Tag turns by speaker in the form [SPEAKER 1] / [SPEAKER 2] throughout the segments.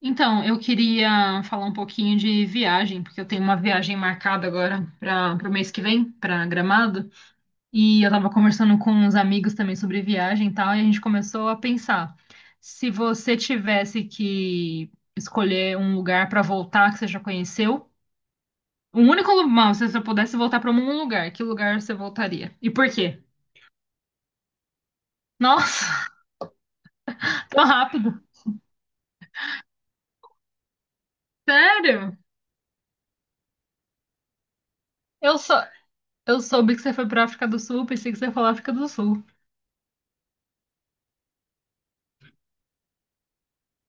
[SPEAKER 1] Então, eu queria falar um pouquinho de viagem, porque eu tenho uma viagem marcada agora para o mês que vem, para Gramado, e eu estava conversando com uns amigos também sobre viagem e tal, e a gente começou a pensar, se você tivesse que escolher um lugar para voltar que você já conheceu, o único lugar, se você pudesse voltar para um lugar, que lugar você voltaria? E por quê? Nossa, tão rápido. Sério? Eu sou, eu soube que você foi para África do Sul, pensei que você ia falar África do Sul.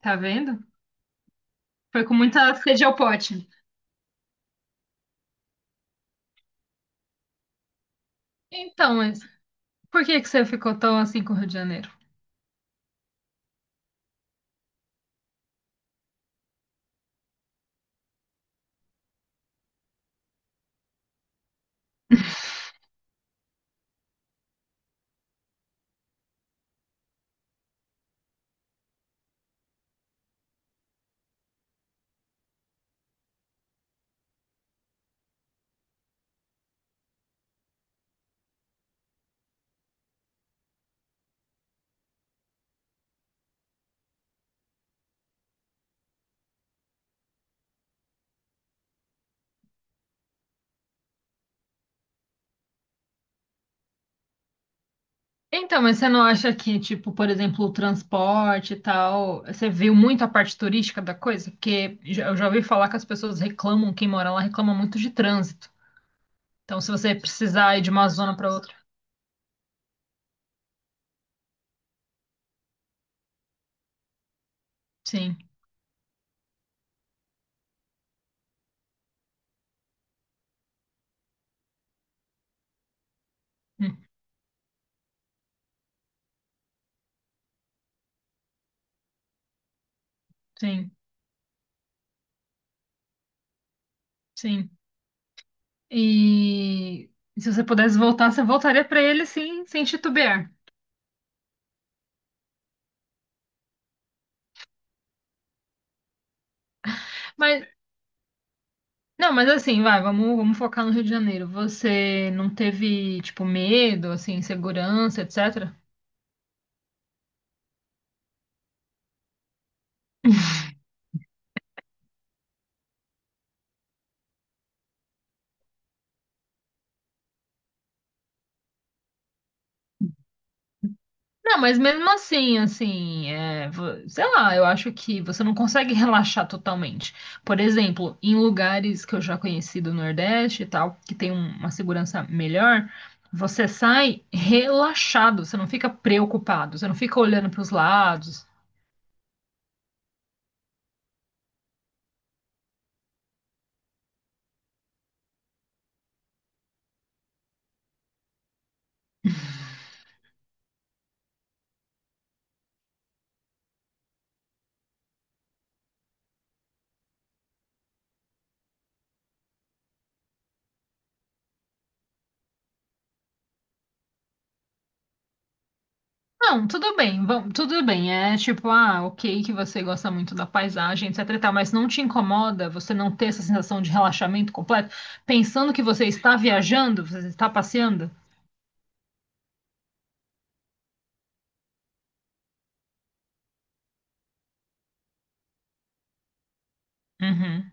[SPEAKER 1] Tá vendo? Foi com muita sede ao pote. Então, mas por que você ficou tão assim com o Rio de Janeiro? Então, mas você não acha que, tipo, por exemplo, o transporte e tal, você viu muito a parte turística da coisa? Porque eu já ouvi falar que as pessoas reclamam, quem mora lá reclama muito de trânsito. Então, se você precisar ir de uma zona para outra, sim, hum, sim, sim. E se você pudesse voltar, você voltaria para ele, sim, sem titubear. Mas não, mas assim, vai, vamos, vamos focar no Rio de Janeiro. Você não teve, tipo, medo, assim, insegurança, etc? Não, mas mesmo assim, assim, é, sei lá, eu acho que você não consegue relaxar totalmente. Por exemplo, em lugares que eu já conheci do Nordeste e tal, que tem uma segurança melhor, você sai relaxado, você não fica preocupado, você não fica olhando para os lados. Não, tudo bem, vamos, tudo bem. É tipo, ah, ok, que você gosta muito da paisagem, etc e tal, mas não te incomoda você não ter essa sensação de relaxamento completo, pensando que você está viajando, você está passeando? Uhum,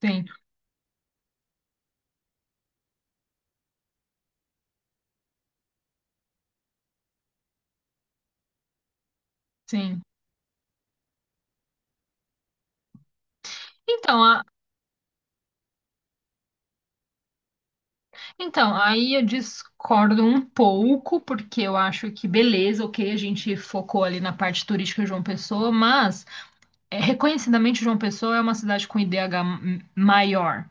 [SPEAKER 1] sim, sim. Então, a, então, aí eu discordo um pouco, porque eu acho que beleza, ok, a gente focou ali na parte turística de João Pessoa, mas é, reconhecidamente João Pessoa é uma cidade com IDH maior.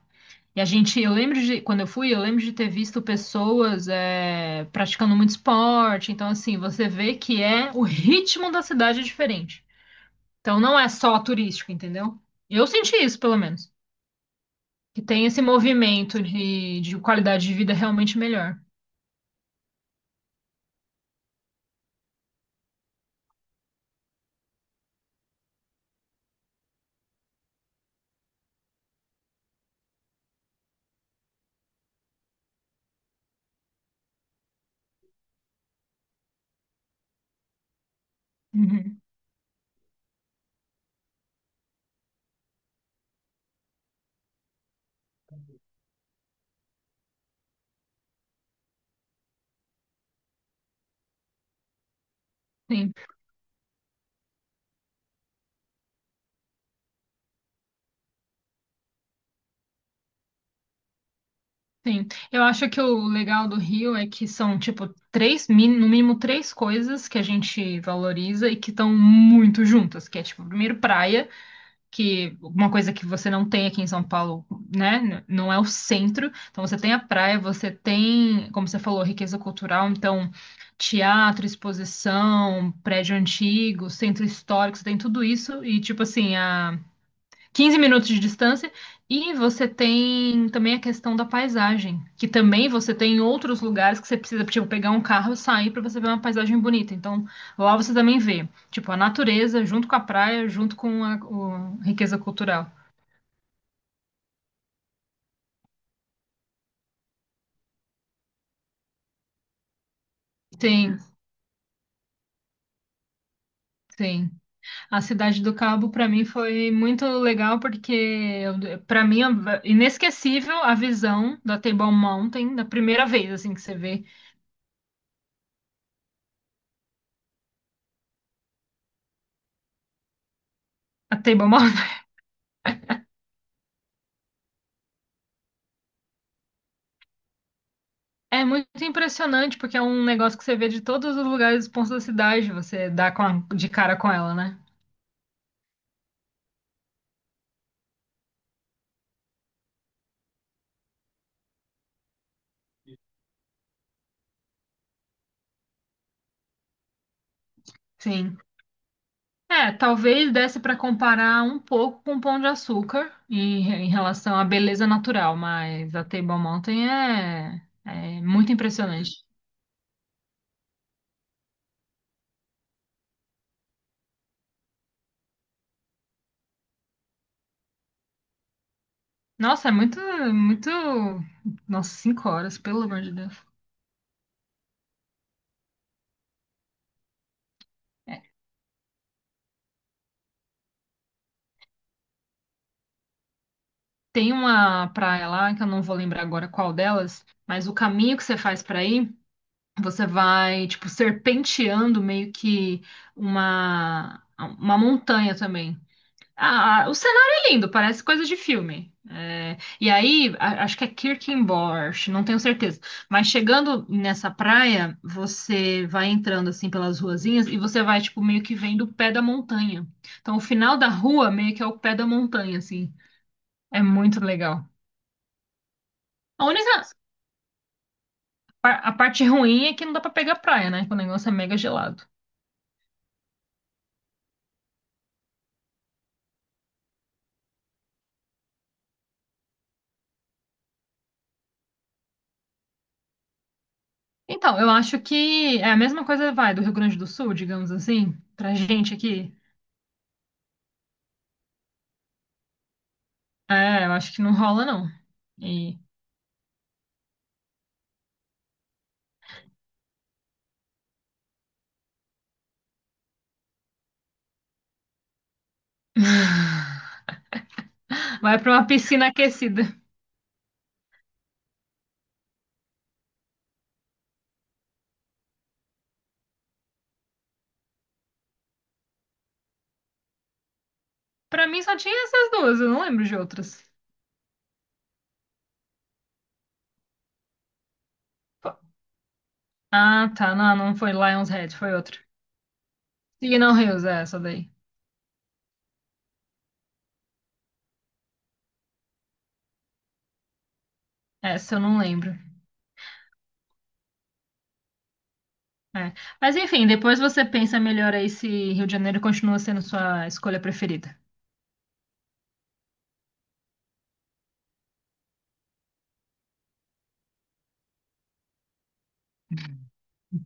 [SPEAKER 1] E a gente, eu lembro de, quando eu fui, eu lembro de ter visto pessoas é, praticando muito esporte. Então, assim, você vê que o ritmo da cidade é diferente. Então, não é só turístico, entendeu? Eu senti isso, pelo menos. Que tem esse movimento de qualidade de vida realmente melhor. Uhum. Sim, sim. Eu acho que o legal do Rio é que são, tipo, no mínimo 3 coisas que a gente valoriza e que estão muito juntas, que é, tipo, primeiro praia, que uma coisa que você não tem aqui em São Paulo, né? Não é o centro. Então você tem a praia, você tem, como você falou, riqueza cultural, então teatro, exposição, prédio antigo, centro histórico, você tem tudo isso e tipo assim, a 15 minutos de distância. E você tem também a questão da paisagem, que também você tem em outros lugares que você precisa, tipo, pegar um carro e sair para você ver uma paisagem bonita. Então, lá você também vê, tipo, a natureza junto com a praia, junto com a riqueza cultural. Sim, sim. A Cidade do Cabo, para mim, foi muito legal, porque, para mim, é inesquecível a visão da Table Mountain, da primeira vez, assim, que você vê a Table Mountain. É muito impressionante, porque é um negócio que você vê de todos os lugares, os pontos da cidade, você dá de cara com ela, né? Sim. É, talvez desse para comparar um pouco com o Pão de Açúcar em relação à beleza natural, mas a Table Mountain é muito impressionante. Nossa, é muito, muito. Nossa, 5 horas, pelo amor de Deus. É. Tem uma praia lá, que eu não vou lembrar agora qual delas, mas o caminho que você faz para ir. Você vai, tipo, serpenteando meio que uma montanha também. Ah, ah, o cenário é lindo, parece coisa de filme. É, e aí, acho que é Kirkenborch, não tenho certeza. Mas chegando nessa praia, você vai entrando assim pelas ruazinhas e você vai, tipo, meio que vendo o pé da montanha. Então, o final da rua meio que é o pé da montanha, assim. É muito legal. A única, a parte ruim é que não dá pra pegar praia, né? Que o negócio é mega gelado. Então, eu acho que é a mesma coisa, vai, do Rio Grande do Sul, digamos assim, pra gente aqui. É, eu acho que não rola, não. E vai pra uma piscina aquecida. Pra mim só tinha essas duas, eu não lembro de outras. Ah, tá, não, não foi Lion's Head, foi outra. Signal Hills, é essa daí. Essa eu não lembro. É. Mas enfim, depois você pensa melhor aí se Rio de Janeiro continua sendo sua escolha preferida.